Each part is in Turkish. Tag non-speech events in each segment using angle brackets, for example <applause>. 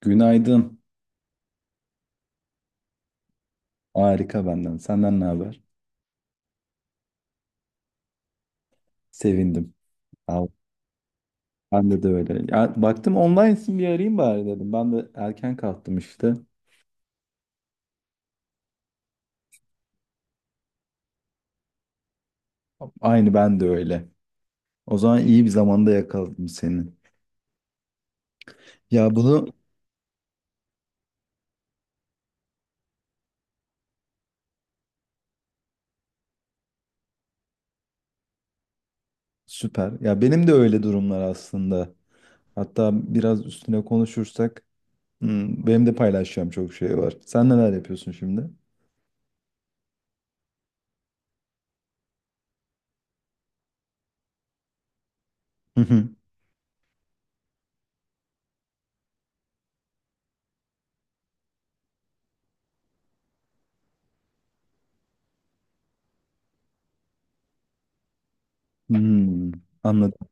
Günaydın. Harika benden. Senden ne haber? Sevindim. Al. Ben de öyle. Ya, baktım online'sın bir arayayım bari dedim. Ben de erken kalktım işte. Aynı ben de öyle. O zaman iyi bir zamanda yakaladım seni. Ya bunu süper. Ya benim de öyle durumlar aslında. Hatta biraz üstüne konuşursak benim de paylaşacağım çok şey var. Sen neler yapıyorsun şimdi? Hı hı. Hmm, anladım.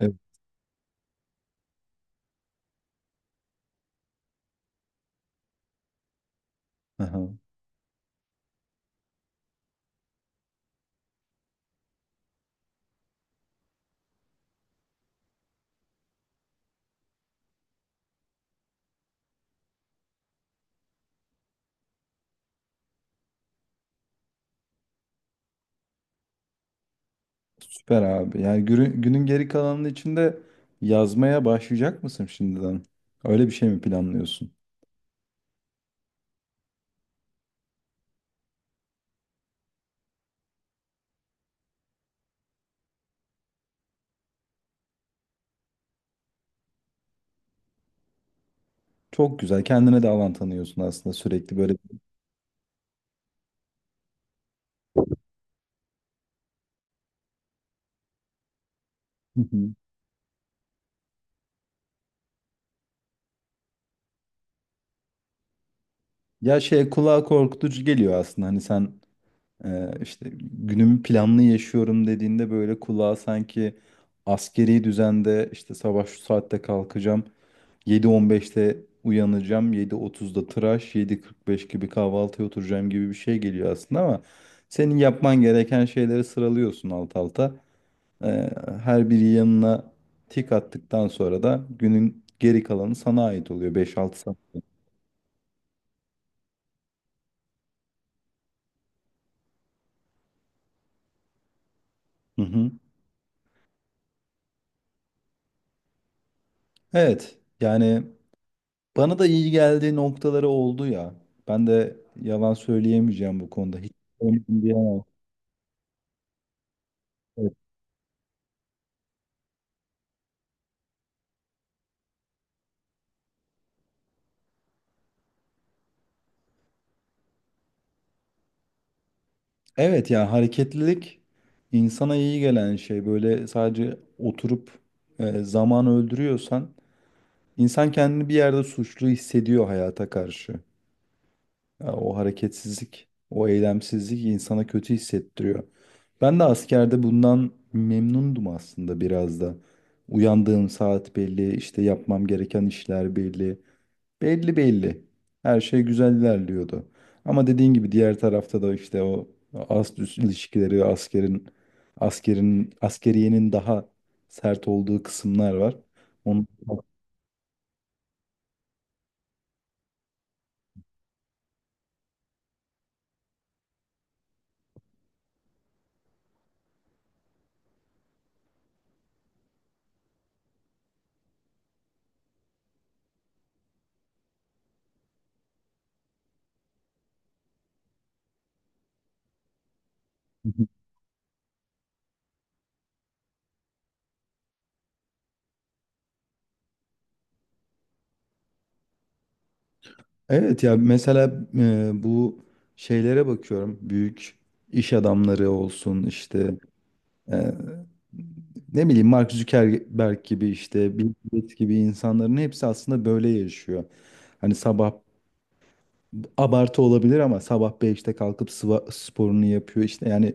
Evet. Aha. Süper abi. Yani günün geri kalanının içinde yazmaya başlayacak mısın şimdiden? Öyle bir şey mi planlıyorsun? Çok güzel. Kendine de alan tanıyorsun aslında sürekli böyle. Hı hı. Ya şey kulağa korkutucu geliyor aslında. Hani sen işte günümü planlı yaşıyorum dediğinde böyle kulağa sanki askeri düzende işte sabah şu saatte kalkacağım. 7:15'te uyanacağım. 7:30'da tıraş, 7:45 gibi kahvaltıya oturacağım gibi bir şey geliyor aslında, ama senin yapman gereken şeyleri sıralıyorsun alt alta. Ee, Her biri yanına tik attıktan sonra da günün geri kalanı sana ait oluyor, 5-6 saat. Hı hı. Evet, yani bana da iyi geldiği noktaları oldu ya. Ben de yalan söyleyemeyeceğim bu konuda. Hiç sevmedim diyemem. Evet. Evet ya, hareketlilik insana iyi gelen şey. Böyle sadece oturup zaman öldürüyorsan insan kendini bir yerde suçlu hissediyor hayata karşı. Ya o hareketsizlik, o eylemsizlik insana kötü hissettiriyor. Ben de askerde bundan memnundum aslında biraz da. Uyandığım saat belli, işte yapmam gereken işler belli. Belli belli. Her şey güzel ilerliyordu. Ama dediğin gibi diğer tarafta da işte o ast üst ilişkileri, askerin askerin askeriyenin daha sert olduğu kısımlar var. Onu <laughs> Evet ya, mesela bu şeylere bakıyorum. Büyük iş adamları olsun işte, e, ne bileyim Mark Zuckerberg gibi, işte Bill Gates gibi insanların hepsi aslında böyle yaşıyor. Hani sabah, abartı olabilir ama sabah beşte kalkıp sporunu yapıyor işte, yani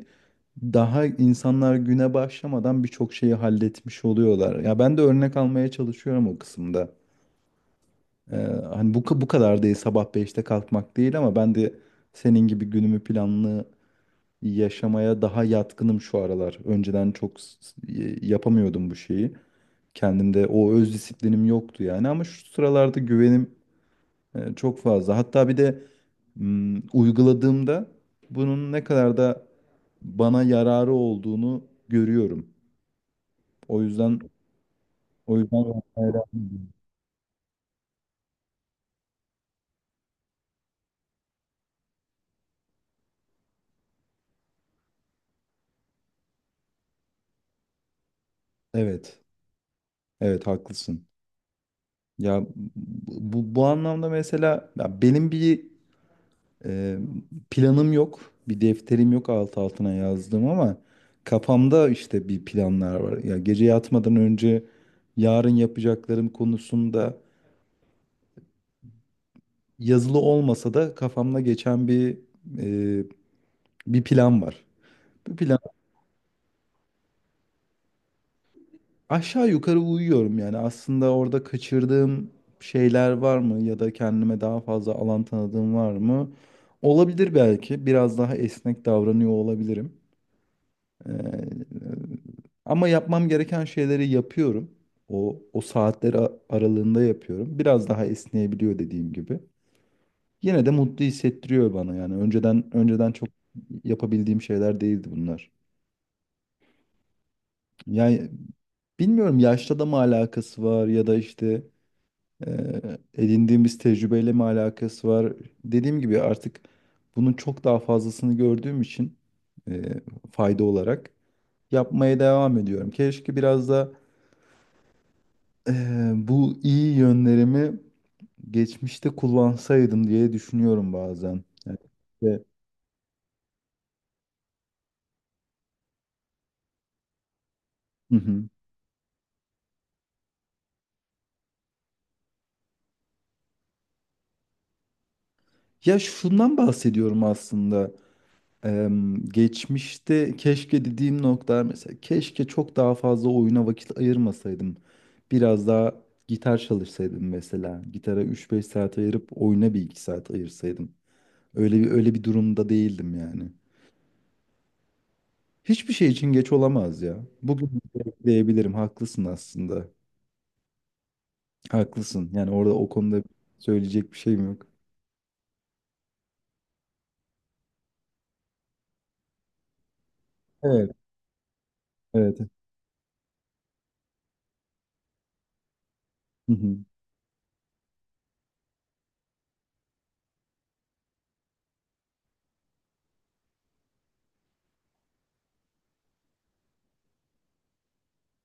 daha insanlar güne başlamadan birçok şeyi halletmiş oluyorlar. Ya ben de örnek almaya çalışıyorum o kısımda. Ee, Hani bu kadar değil, sabah beşte kalkmak değil ama ben de senin gibi günümü planlı yaşamaya daha yatkınım şu aralar. Önceden çok yapamıyordum bu şeyi. Kendimde o öz disiplinim yoktu yani, ama şu sıralarda güvenim çok fazla. Hatta bir de uyguladığımda bunun ne kadar da bana yararı olduğunu görüyorum. O yüzden o yüzden yapmaya devam ediyorum. Evet. Evet, haklısın. Ya bu anlamda mesela, ya benim bir e, planım yok. Bir defterim yok alt altına yazdığım, ama kafamda işte bir planlar var. Ya gece yatmadan önce yarın yapacaklarım konusunda, yazılı olmasa da kafamda geçen e, bir plan var. Bir plan. Aşağı yukarı uyuyorum yani. Aslında orada kaçırdığım şeyler var mı, ya da kendime daha fazla alan tanıdığım var mı? Olabilir belki. Biraz daha esnek davranıyor olabilirim. Ee, Ama yapmam gereken şeyleri yapıyorum. O aralığında yapıyorum. Biraz daha esneyebiliyor, dediğim gibi. Yine de mutlu hissettiriyor bana yani. Önceden çok yapabildiğim şeyler değildi bunlar. Yani bilmiyorum, yaşla da mı alakası var, ya da işte edindiğimiz tecrübeyle mi alakası var? Dediğim gibi, artık bunun çok daha fazlasını gördüğüm için e, fayda olarak yapmaya devam ediyorum. Keşke biraz da bu iyi yönlerimi geçmişte kullansaydım diye düşünüyorum bazen. Yani, işte, hı hı. Ya şundan bahsediyorum aslında. Geçmişte keşke dediğim noktalar, mesela keşke çok daha fazla oyuna vakit ayırmasaydım. Biraz daha gitar çalışsaydım mesela. Gitara üç beş saat ayırıp oyuna bir 2 saat ayırsaydım. Öyle bir durumda değildim yani. Hiçbir şey için geç olamaz ya. Bugün diyebilirim. Haklısın aslında. Haklısın. Yani orada o konuda söyleyecek bir şeyim yok. Evet, evet. Hı hı.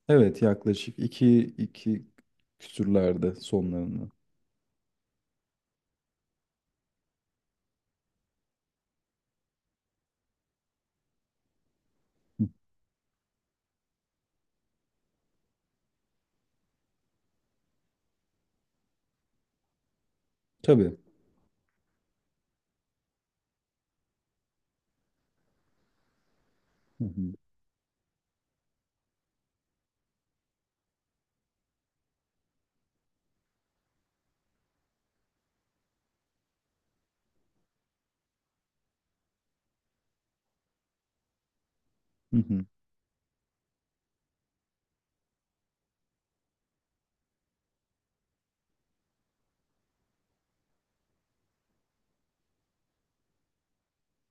Evet, yaklaşık iki küsürlerde sonlarını. Hı. Tabii. Hı hı. Hı hı.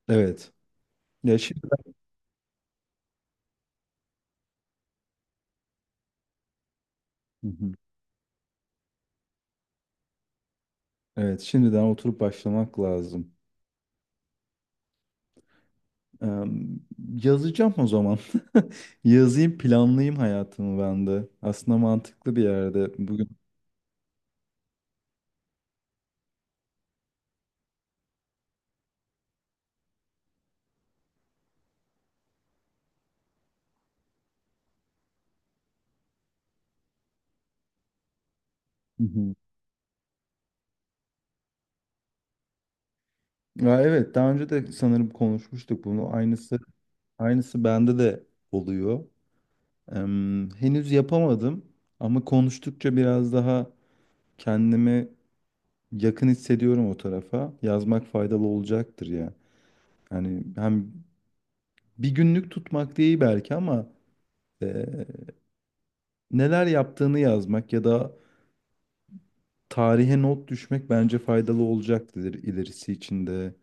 Evet. Ya şimdiden. Hı hı. Evet, şimdiden oturup başlamak lazım. Em, Yazacağım o zaman. <laughs> Yazayım, planlayayım hayatımı ben de. Aslında mantıklı bir yerde bugün. Hı hı. Ya evet, daha önce de sanırım konuşmuştuk bunu. Aynısı bende de oluyor. Henüz yapamadım, ama konuştukça biraz daha kendimi yakın hissediyorum o tarafa. Yazmak faydalı olacaktır ya. Yani hem bir günlük tutmak değil belki, ama e, neler yaptığını yazmak ya da tarihe not düşmek bence faydalı olacaktır ilerisi için de.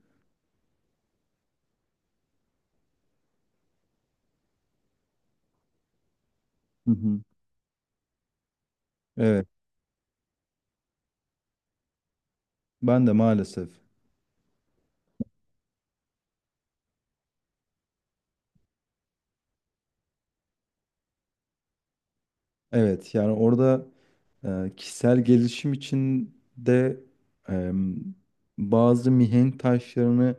Hı hı. Evet, ben de maalesef. Evet, yani orada kişisel gelişim için de e, bazı mihenk taşlarını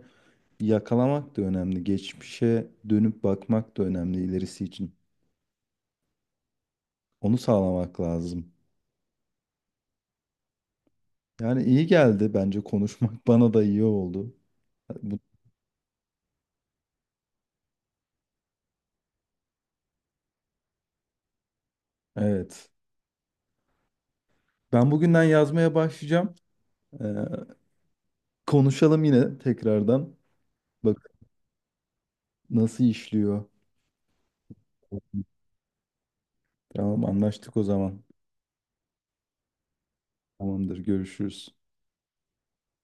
yakalamak da önemli. Geçmişe dönüp bakmak da önemli ilerisi için. Onu sağlamak lazım. Yani iyi geldi bence konuşmak, <laughs> bana da iyi oldu. Evet. Ben bugünden yazmaya başlayacağım. Ee, Konuşalım yine tekrardan. Bak nasıl işliyor. Tamam, anlaştık o zaman. Tamamdır, görüşürüz.